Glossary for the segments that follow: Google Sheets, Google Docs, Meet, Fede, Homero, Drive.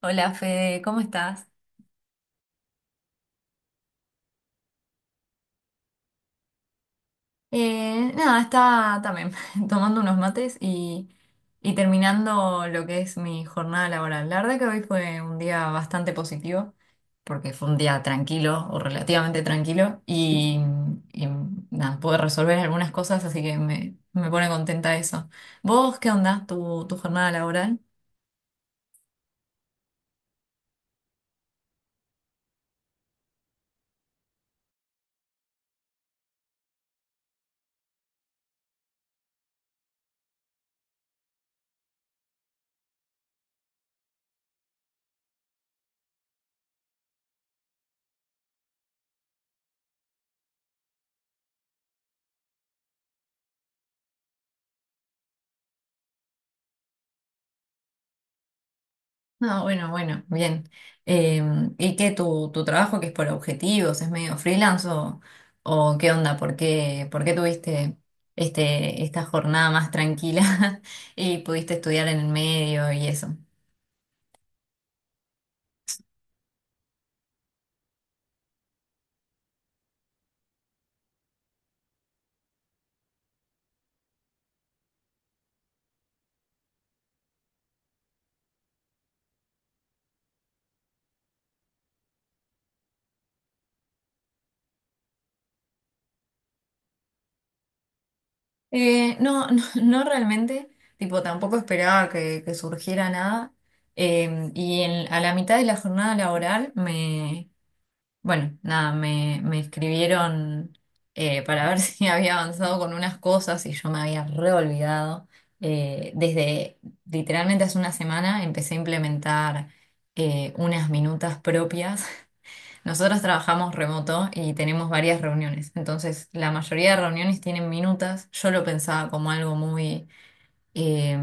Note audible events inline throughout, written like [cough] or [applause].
Hola Fede, ¿cómo estás? Nada, está también [laughs] tomando unos mates y terminando lo que es mi jornada laboral. La verdad que hoy fue un día bastante positivo, porque fue un día tranquilo o relativamente tranquilo y nada, pude resolver algunas cosas, así que me pone contenta eso. ¿Vos qué onda tu jornada laboral? No, bueno, bueno, bien. ¿Y qué tu trabajo que es por objetivos, es medio freelance o qué onda? ¿ por qué tuviste esta jornada más tranquila [laughs] y pudiste estudiar en el medio y eso? No, no, [laughs] no realmente, tipo, tampoco esperaba que surgiera nada. A la mitad de la jornada laboral bueno, nada, me escribieron para ver [laughs] si había avanzado con unas cosas y yo me había reolvidado. Desde literalmente hace una semana empecé a implementar unas minutas propias. [laughs] Nosotros trabajamos remoto y tenemos varias reuniones, entonces la mayoría de reuniones tienen minutas. Yo lo pensaba como algo muy eh,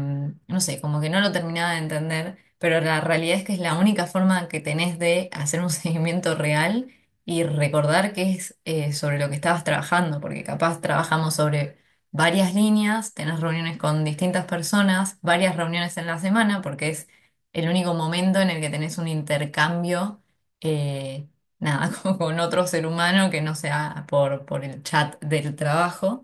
no sé, como que no lo terminaba de entender, pero la realidad es que es la única forma que tenés de hacer un [laughs] seguimiento real y recordar que es sobre lo que estabas trabajando, porque capaz trabajamos sobre varias líneas, tenés reuniones con distintas personas, varias reuniones en la semana, porque es el único momento en el que tenés un intercambio, eh, nada, [laughs] con otro ser humano que no sea por el chat del trabajo.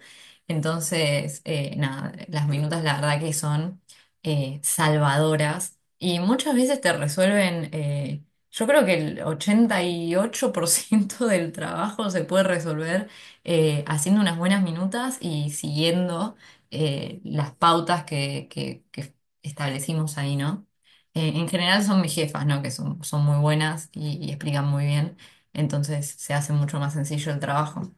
Entonces, nada, las minutas la verdad que son salvadoras y muchas veces te resuelven, yo creo que el 88% del trabajo se puede resolver haciendo unas buenas minutas y siguiendo las pautas que establecimos ahí, ¿no? En general son mis jefas, ¿no? Que son muy buenas y explican muy bien, entonces se hace mucho más sencillo el trabajo.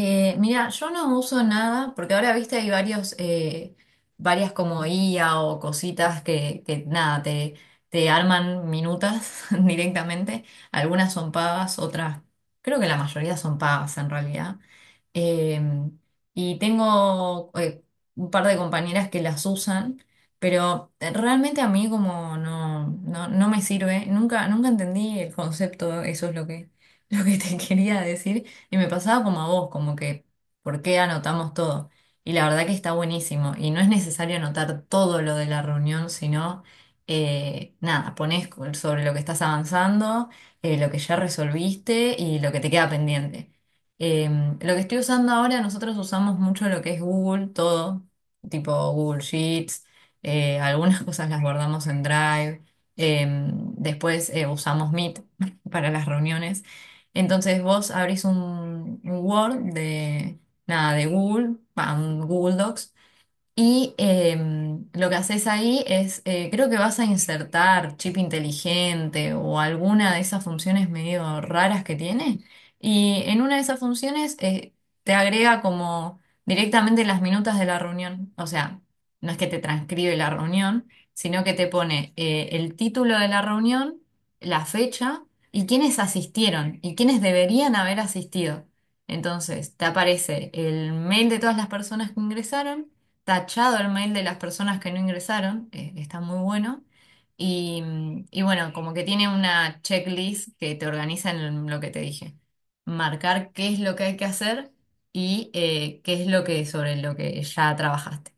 Mira, yo no uso nada, porque ahora viste hay varios, varias como IA o cositas que nada, te arman minutas [laughs] directamente. Algunas son pagas, otras, creo que la mayoría son pagas en realidad. Eh, y tengo un par de compañeras que las usan, pero realmente a mí como no, no, no me sirve. Nunca, nunca entendí el concepto, eso es lo que, [laughs] lo que te [laughs] quería decir. Y me pasaba como a vos, como que, ¿por qué anotamos todo? Y la verdad que está buenísimo. Y no es necesario anotar todo lo de la reunión, sino, nada, ponés sobre lo que estás avanzando, lo que ya resolviste y lo que te queda pendiente. Lo que estoy usando ahora, nosotros usamos mucho lo que es Google, todo, tipo Google Sheets, algunas [laughs] cosas las guardamos en Drive, después usamos Meet [laughs] para las reuniones. Entonces vos abrís un Word de, nada, de Google, va, un Google Docs y lo que haces ahí es, creo que vas a insertar chip inteligente o alguna de esas funciones medio raras que tiene. Y en una de esas funciones te agrega como directamente las minutas de la reunión. O sea, no es que te transcribe la reunión, sino que te pone el título de la reunión, la fecha y quiénes asistieron y quiénes deberían haber asistido. Entonces, te aparece el mail de todas las personas que ingresaron tachado el mail de las personas que no ingresaron, que está muy bueno. Y, mm, y bueno, como que tiene una checklist que te organiza en lo que te dije. Marcar qué es lo que hay que hacer y qué es lo que sobre lo que ya trabajaste.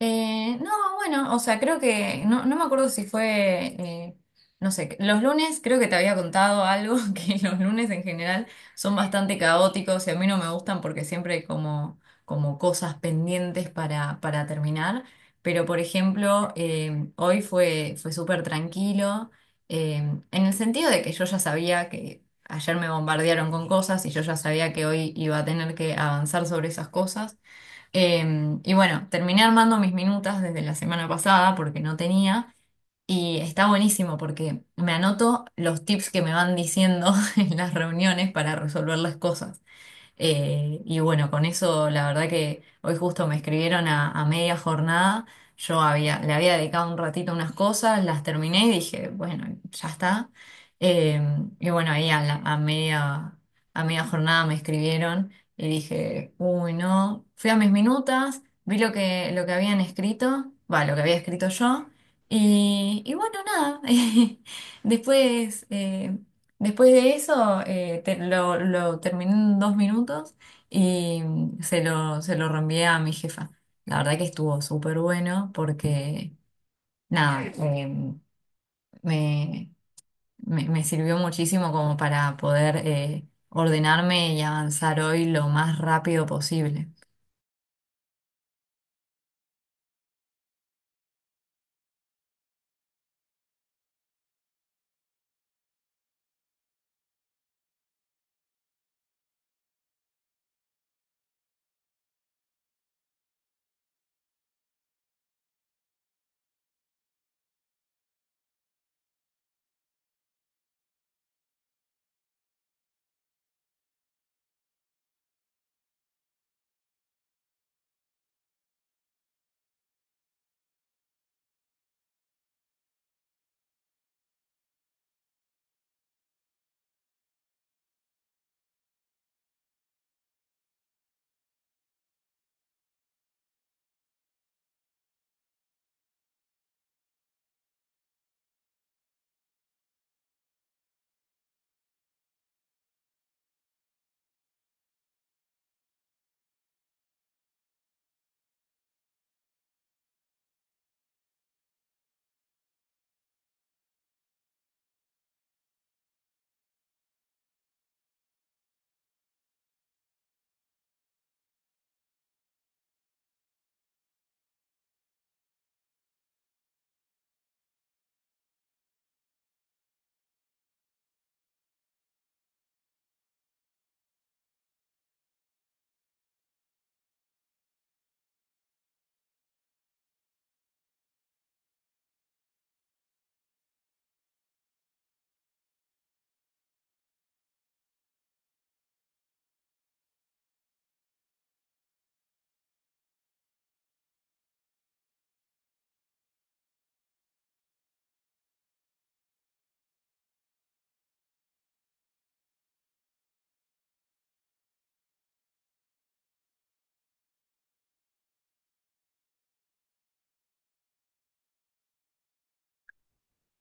No, bueno, o sea, creo que, no, no me acuerdo si fue, no sé, los lunes creo que te había contado algo, [laughs] que los lunes en general son bastante caóticos y a mí no me gustan porque siempre hay como, como cosas pendientes para terminar, pero por ejemplo, hoy fue súper tranquilo, eh, en el sentido de que yo ya sabía que ayer me bombardearon con cosas y yo ya sabía que hoy iba a tener que avanzar sobre esas cosas. Y bueno, terminé armando mis minutas desde la semana pasada porque no tenía. Y está buenísimo porque me anoto los tips que me van diciendo [laughs] en las reuniones para resolver las cosas. Y bueno, con eso la verdad que hoy justo me escribieron a media jornada, yo le había dedicado un ratito a unas cosas, las terminé y dije, bueno, ya está. Eh, y bueno, ahí a, la- a media jornada me escribieron y dije, uy, no, fui a mis minutas, vi lo lo que habían escrito, va, lo que había escrito yo, y bueno, nada, [laughs] después... después de eso, lo terminé en 2 minutos y mm, se lo reenvié a mi jefa. La verdad que estuvo súper bueno porque, nada, me, me sirvió muchísimo como para poder ordenarme y avanzar hoy lo más rápido posible.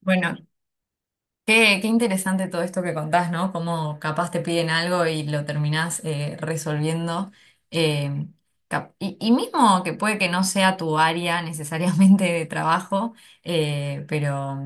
Bueno, qué, qué interesante todo esto que contás, ¿no? Cómo capaz te piden algo y lo terminás resolviendo. Eh, y mismo que puede que no sea tu área [laughs] necesariamente de trabajo, pero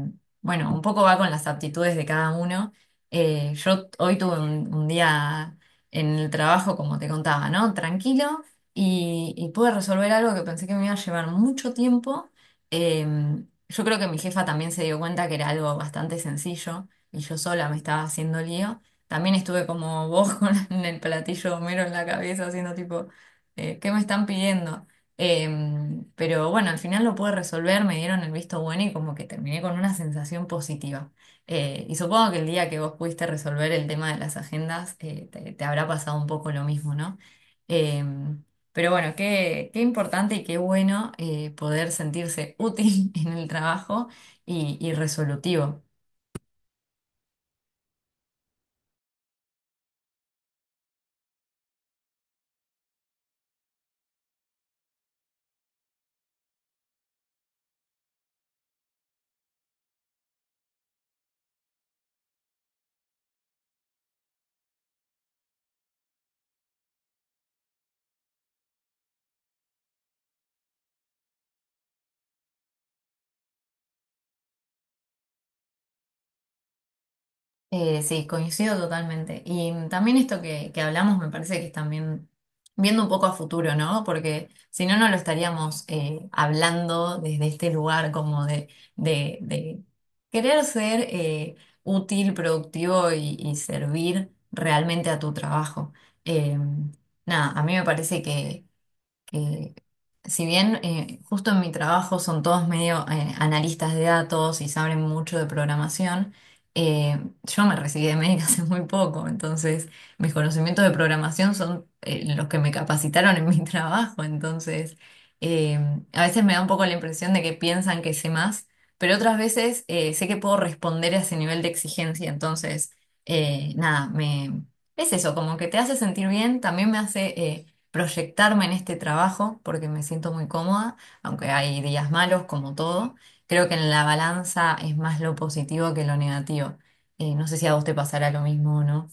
bueno, un poco va con las aptitudes de cada uno. Yo hoy tuve un día en el trabajo, como te contaba, ¿no? Tranquilo y pude resolver algo que pensé que me iba a llevar mucho tiempo. Em, yo creo que mi jefa también se dio cuenta que era algo bastante sencillo y yo sola me estaba haciendo lío. También estuve como vos [laughs] con el platillo de Homero en la cabeza haciendo tipo, ¿qué me están pidiendo? Pero bueno, al final lo pude resolver, me dieron el visto bueno y como que terminé con una sensación positiva. Y supongo que el día que vos pudiste resolver el tema de las agendas, te habrá pasado un poco lo mismo, ¿no? Em, pero bueno, qué, qué importante y qué bueno poder sentirse útil [laughs] en el trabajo y resolutivo. Sí, coincido totalmente. Y también esto que hablamos me parece que es también viendo un poco a futuro, ¿no? Porque si no, no lo estaríamos hablando desde este lugar como de, de querer ser útil, productivo y servir realmente a tu trabajo. Em, nada, a mí me parece que si bien justo en mi trabajo son todos medio analistas de datos y saben mucho de programación, eh, yo me recibí de médica [laughs] hace muy poco, entonces mis conocimientos de programación son los que me capacitaron en mi [laughs] trabajo, entonces eh, a veces me da un poco la impresión de que piensan que sé más, pero otras veces sé que puedo responder a ese nivel de exigencia, entonces nada, me... Es eso, como que te hace sentir bien, también me hace... proyectarme en este trabajo porque me siento muy cómoda, aunque hay días malos como todo. Creo que en la balanza es más lo positivo que lo negativo. No sé si a vos te pasará lo mismo o no.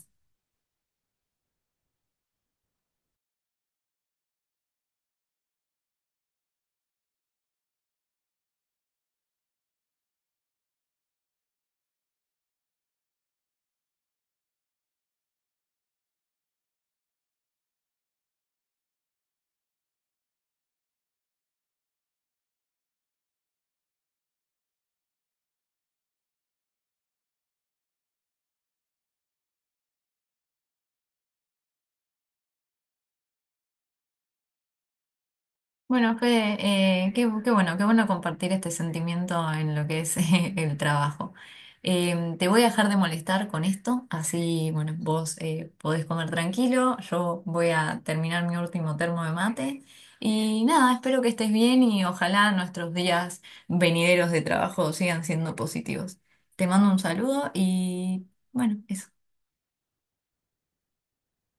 Bueno, Fede, qué, qué bueno compartir este sentimiento en lo que es [laughs] el trabajo. Te voy a dejar de molestar con esto, así, bueno, vos podés comer tranquilo, yo voy a terminar mi último termo de mate y nada, espero que estés bien y ojalá nuestros días venideros de trabajo sigan siendo positivos. Te mando un saludo y bueno, eso.